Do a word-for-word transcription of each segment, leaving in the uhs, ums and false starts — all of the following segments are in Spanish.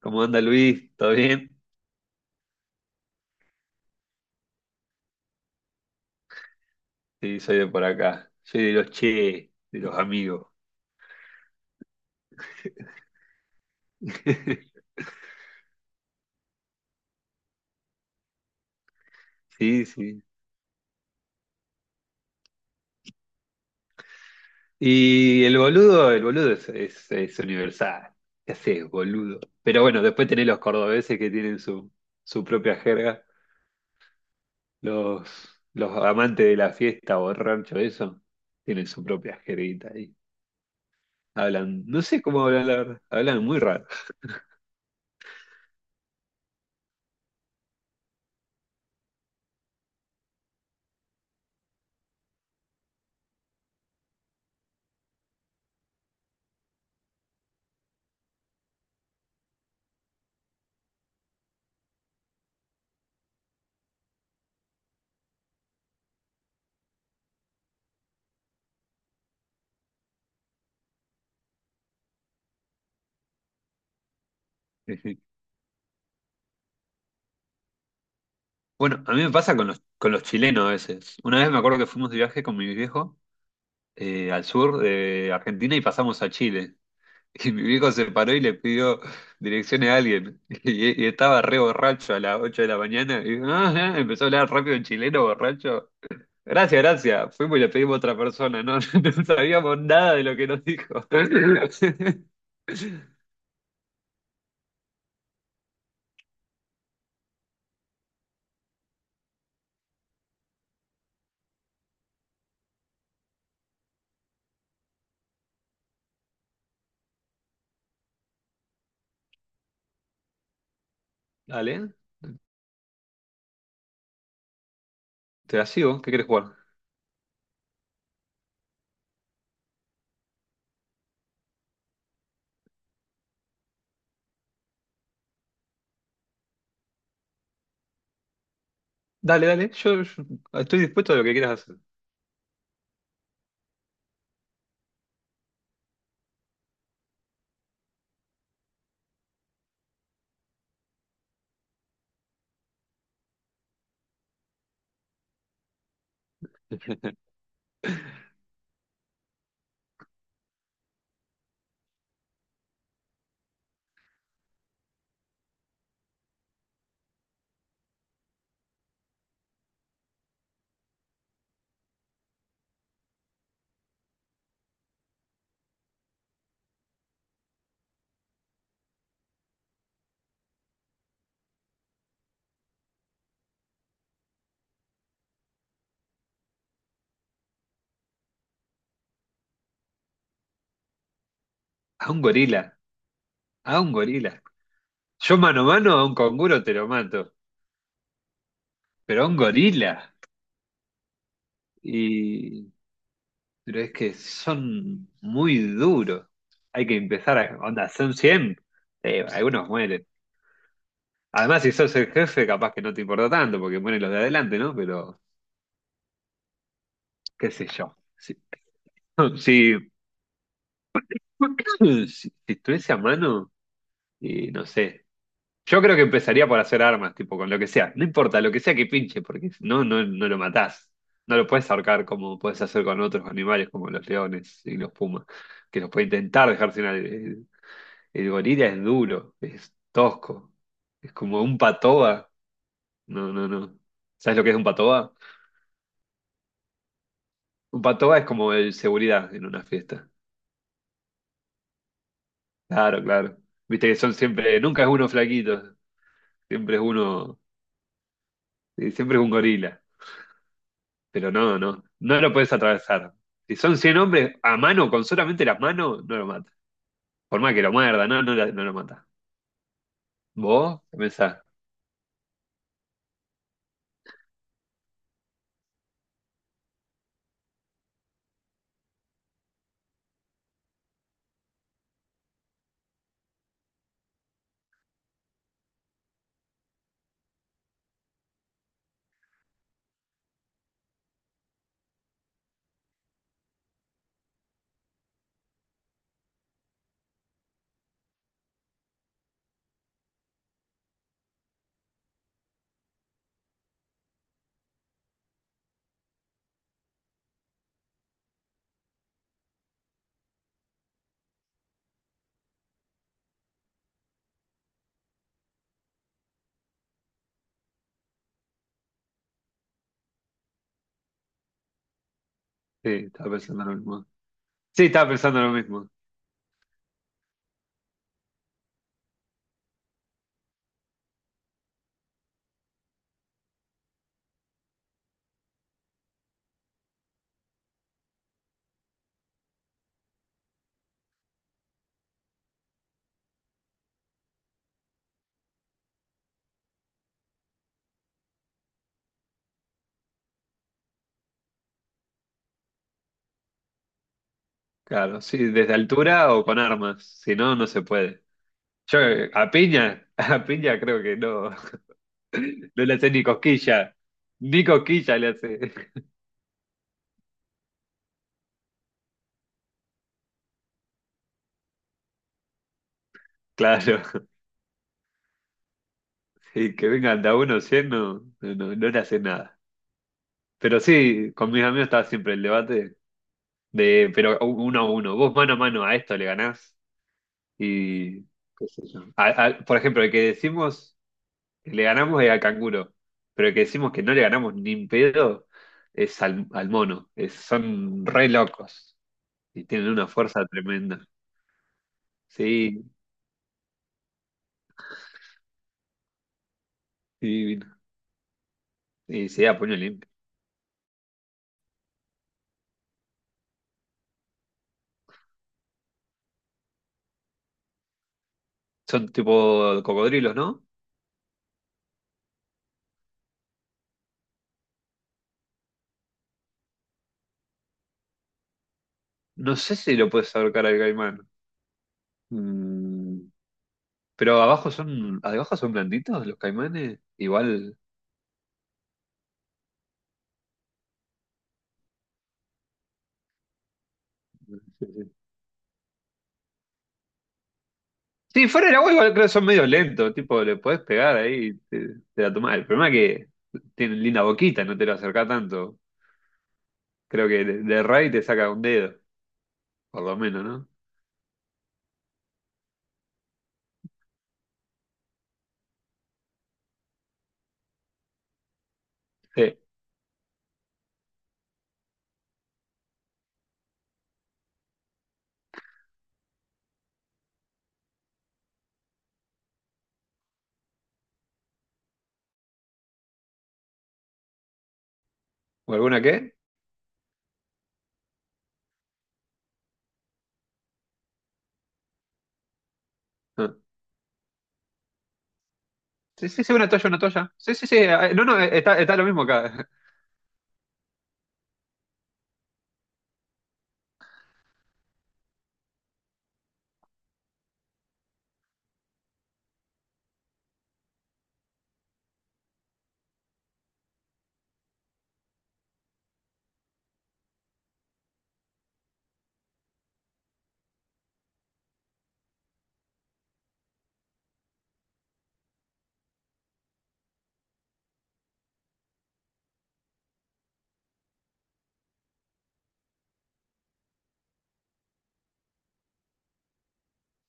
¿Cómo anda Luis? ¿Todo bien? Sí, soy de por acá. Soy de los che, de los amigos. Sí, sí. Y el boludo, el boludo es, es, es universal. ¿Qué haces, boludo? Pero bueno, después tenés los cordobeses que tienen su, su propia jerga. Los, los amantes de la fiesta, borracho, eso, tienen su propia jerguita ahí. Hablan, no sé cómo hablan, la verdad. Hablan muy raro. Bueno, a mí me pasa con los, con los chilenos a veces. Una vez me acuerdo que fuimos de viaje con mi viejo, eh, al sur de Argentina y pasamos a Chile. Y mi viejo se paró y le pidió direcciones a alguien. Y, y estaba re borracho a las ocho de la mañana. Y ah, ah, empezó a hablar rápido en chileno, borracho. Gracias, gracias. Fuimos y le pedimos a otra persona. No, no sabíamos nada de lo que nos dijo. Dale, te la sigo. ¿Qué quieres jugar? Dale, dale. Yo, yo estoy dispuesto a lo que quieras hacer. A un gorila. A un gorila. Yo mano a mano a un canguro te lo mato. Pero a un gorila. Y, pero es que son muy duros. Hay que empezar a. Onda, son cien. Eh, algunos mueren. Además, si sos el jefe, capaz que no te importa tanto, porque mueren los de adelante, ¿no? Pero, qué sé yo. Si, si, si si estuviese a mano, y no sé. Yo creo que empezaría por hacer armas, tipo, con lo que sea. No importa, lo que sea que pinche, porque si no, no, no lo matás. No lo puedes ahorcar como puedes hacer con otros animales, como los leones y los pumas, que los puede intentar dejar sin. Eh, El gorila es duro, es tosco, es como un patoa. No, no, no. ¿Sabes lo que es un patoa? Un patoa es como el seguridad en una fiesta. Claro, claro. Viste que son siempre, nunca es uno flaquito, siempre es uno, eh, siempre es un gorila. Pero no, no, no lo puedes atravesar. Si son cien hombres a mano, con solamente las manos, no lo mata. Por más que lo muerda, no, no, la- no lo mata. ¿Vos? ¿Qué pensás? Sí, estaba pensando lo mismo. Sí, estaba pensando lo mismo. Claro, sí, desde altura o con armas, si no, no se puede. Yo eh, a piña, a piña creo que no, no le hace ni cosquilla, ni cosquilla le hace. Claro, y que vengan de a uno cien no, no, no no le hace nada. Pero sí, con mis amigos estaba siempre el debate de, pero uno a uno, vos mano a mano a esto le ganás y qué sé yo. A- a- por ejemplo, el que decimos le ganamos eh, al canguro, pero el que decimos que no le ganamos ni en pedo es al, al mono. Es- son re locos y tienen una fuerza tremenda. Sí, sí, divino. Y se da puño limpio. Son tipo cocodrilos, ¿no? No sé si lo puedes ahorcar al caimán. Mm, pero abajo son, abajo son blanditos los caimanes. Igual. Sí, sí. Sí, fuera del agua igual creo que son medio lentos. Tipo, le podés pegar ahí y te, te la tomás. El problema es que tienen linda boquita, no te lo acercás tanto. Creo que de, de Ray te saca un dedo, por lo menos, ¿no? Sí. ¿O alguna qué? No. Sí, sí, sí, una toalla, una toalla. Sí, sí, sí. ah, No, no, eh, está, está lo mismo acá.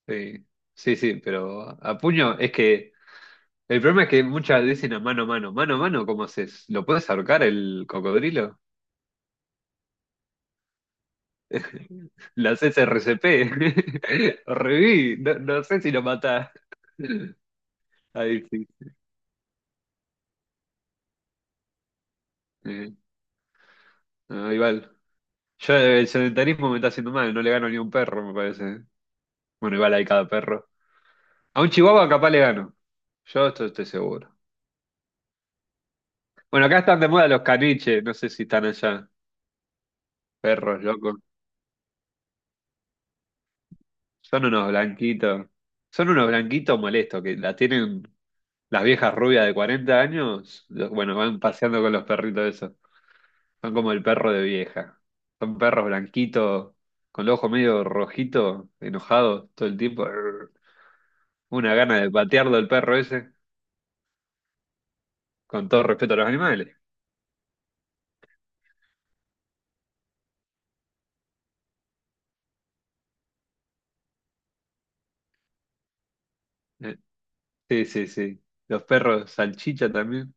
Sí, sí, sí, pero a puño es que el problema es que muchas dicen a mano a mano. Mano a mano, ¿cómo haces? ¿Lo puedes ahorcar el cocodrilo? Las S R C P. Lo reviví. No, no sé si lo matás. Ahí sí. Eh, no, igual. Yo el sedentarismo me está haciendo mal. No le gano ni a un perro, me parece. Bueno, igual hay cada perro. A un chihuahua capaz le gano. Yo esto estoy seguro. Bueno, acá están de moda los caniches, no sé si están allá. Perros, locos. Son unos blanquitos. Son unos blanquitos molestos que la tienen las viejas rubias de cuarenta años. Los- Bueno, van paseando con los perritos esos. Son como el perro de vieja. Son perros blanquitos, con los ojos medio rojitos, enojados todo el tiempo. Arr. Una gana de patearlo el perro ese, con todo respeto a los animales. Eh, Sí, sí, sí. Los perros salchicha también.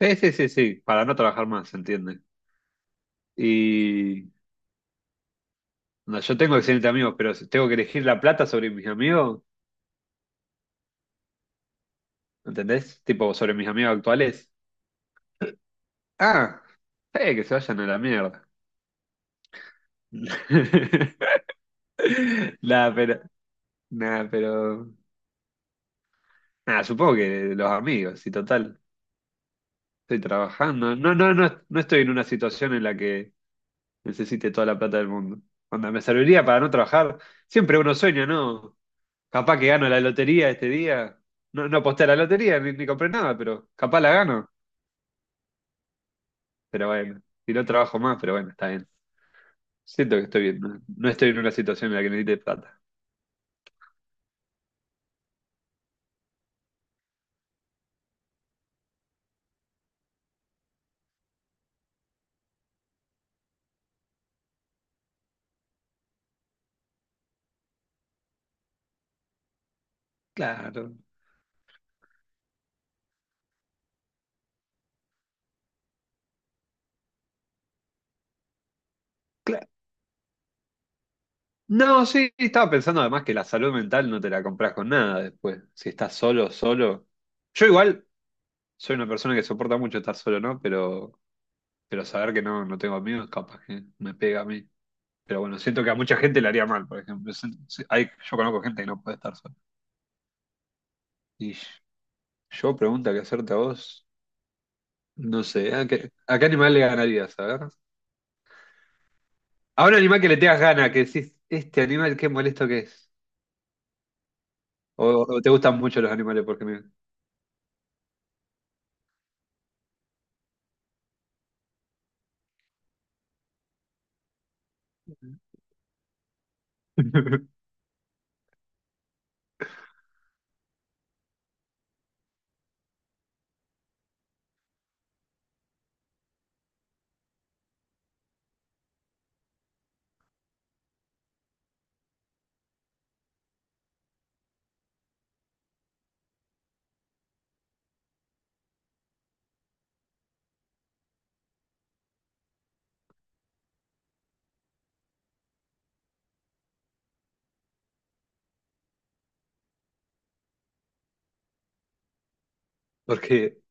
Sí, sí, sí, sí, para no trabajar más, ¿se entiende? Y no, yo tengo excelentes amigos, pero si tengo que elegir la plata sobre mis amigos, ¿entendés? Tipo, sobre mis amigos actuales. Ah, eh, que se vayan a la mierda. Nada, pero, nada, pero, nada, supongo que los amigos, y total, estoy trabajando. No, no, no, no estoy en una situación en la que necesite toda la plata del mundo. Onda, me serviría para no trabajar. Siempre uno sueña, ¿no? Capaz que gano la lotería este día. No, no aposté a la lotería, ni, ni compré nada, pero capaz la gano. Pero bueno, si no trabajo más, pero bueno, está bien. Siento que estoy bien, no, no estoy en una situación en la que necesite plata. Claro, claro. No, sí, estaba pensando además que la salud mental no te la compras con nada después. Si estás solo, solo. Yo igual soy una persona que soporta mucho estar solo, ¿no? Pero, pero saber que no, no tengo amigos, capaz que me pega a mí. Pero bueno, siento que a mucha gente le haría mal, por ejemplo. Si- si- Hay, yo conozco gente que no puede estar sola. Y yo pregunta que hacerte a vos, no sé, ¿a qué, a qué animal le ganarías? A ver. A un animal que le tengas gana, que decís, este animal qué molesto que es. O, o te gustan mucho los animales porque me. Porque,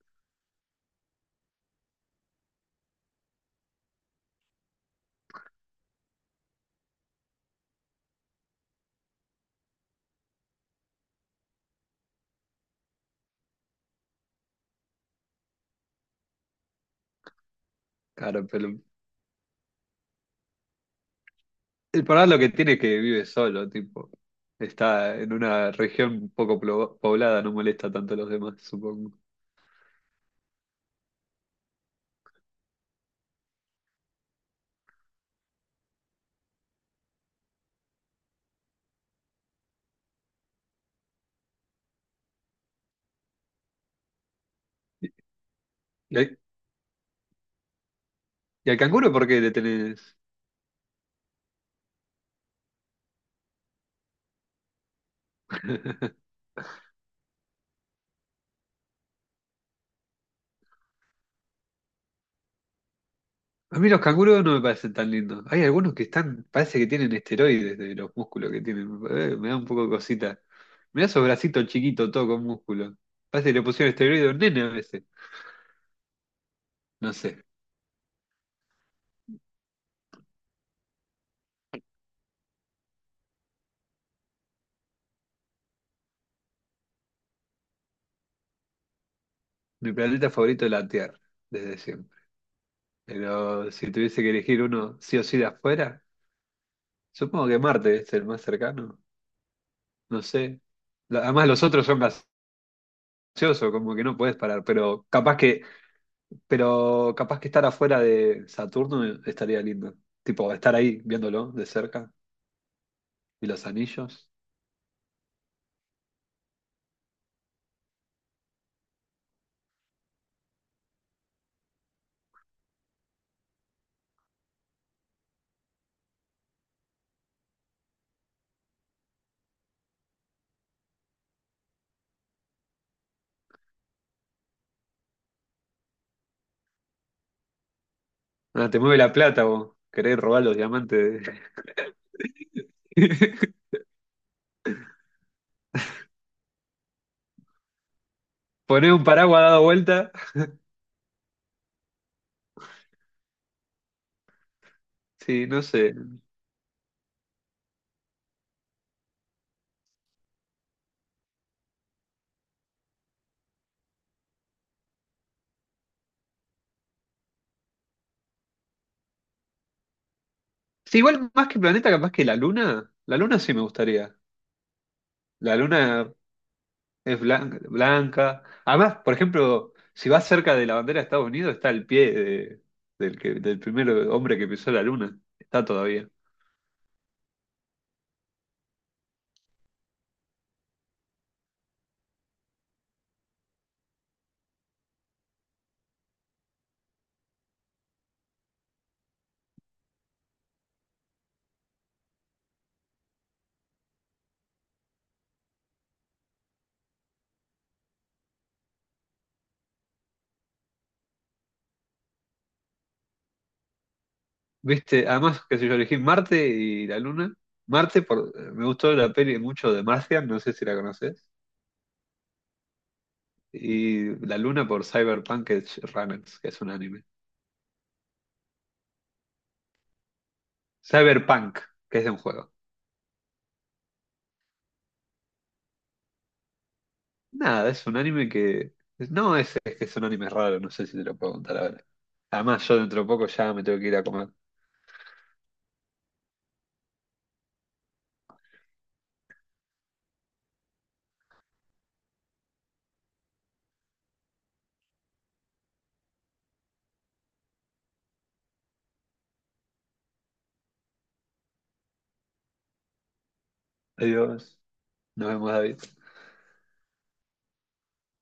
claro, pero el problema lo que tiene es que vive solo, tipo. Está en una región poco plo- poblada, no molesta tanto a los demás, supongo. ¿Y al, y al canguro por qué le tenés? A mí los canguros no me parecen tan lindos. Hay algunos que están, parece que tienen esteroides de los músculos que tienen. Eh, me da un poco de cosita. Mirá esos bracitos chiquitos, todo con músculo. Parece que le pusieron esteroides a un nene a veces. No sé. Mi planeta favorito es la Tierra, desde siempre. Pero si tuviese que elegir uno sí o sí de afuera, supongo que Marte es el más cercano. No sé. La- Además, los otros son gaseosos, como que no puedes parar. Pero capaz que Pero capaz que estar afuera de Saturno estaría lindo. Tipo, estar ahí viéndolo de cerca y los anillos. Ah, te mueve la plata vos. Querés robar los diamantes. Poner un paraguas dado vuelta. Sí, no sé. Sí, igual más que planeta, capaz que la luna. La luna sí me gustaría. La luna es blan- blanca. Además, por ejemplo, si vas cerca de la bandera de Estados Unidos, está el pie de- del que, del primer hombre que pisó la luna. Está todavía. Viste, además, qué sé yo, elegí Marte y la Luna. Marte, por, eh, me gustó la peli mucho de Martian, no sé si la conoces. Y la Luna por Cyberpunk Edge Runners, que es un anime. Cyberpunk, que es de un juego. Nada, es un anime que. No, es, es que son animes raros, no sé si te lo puedo contar ahora. Además, yo dentro de poco ya me tengo que ir a comer. Adiós. Nos vemos, David.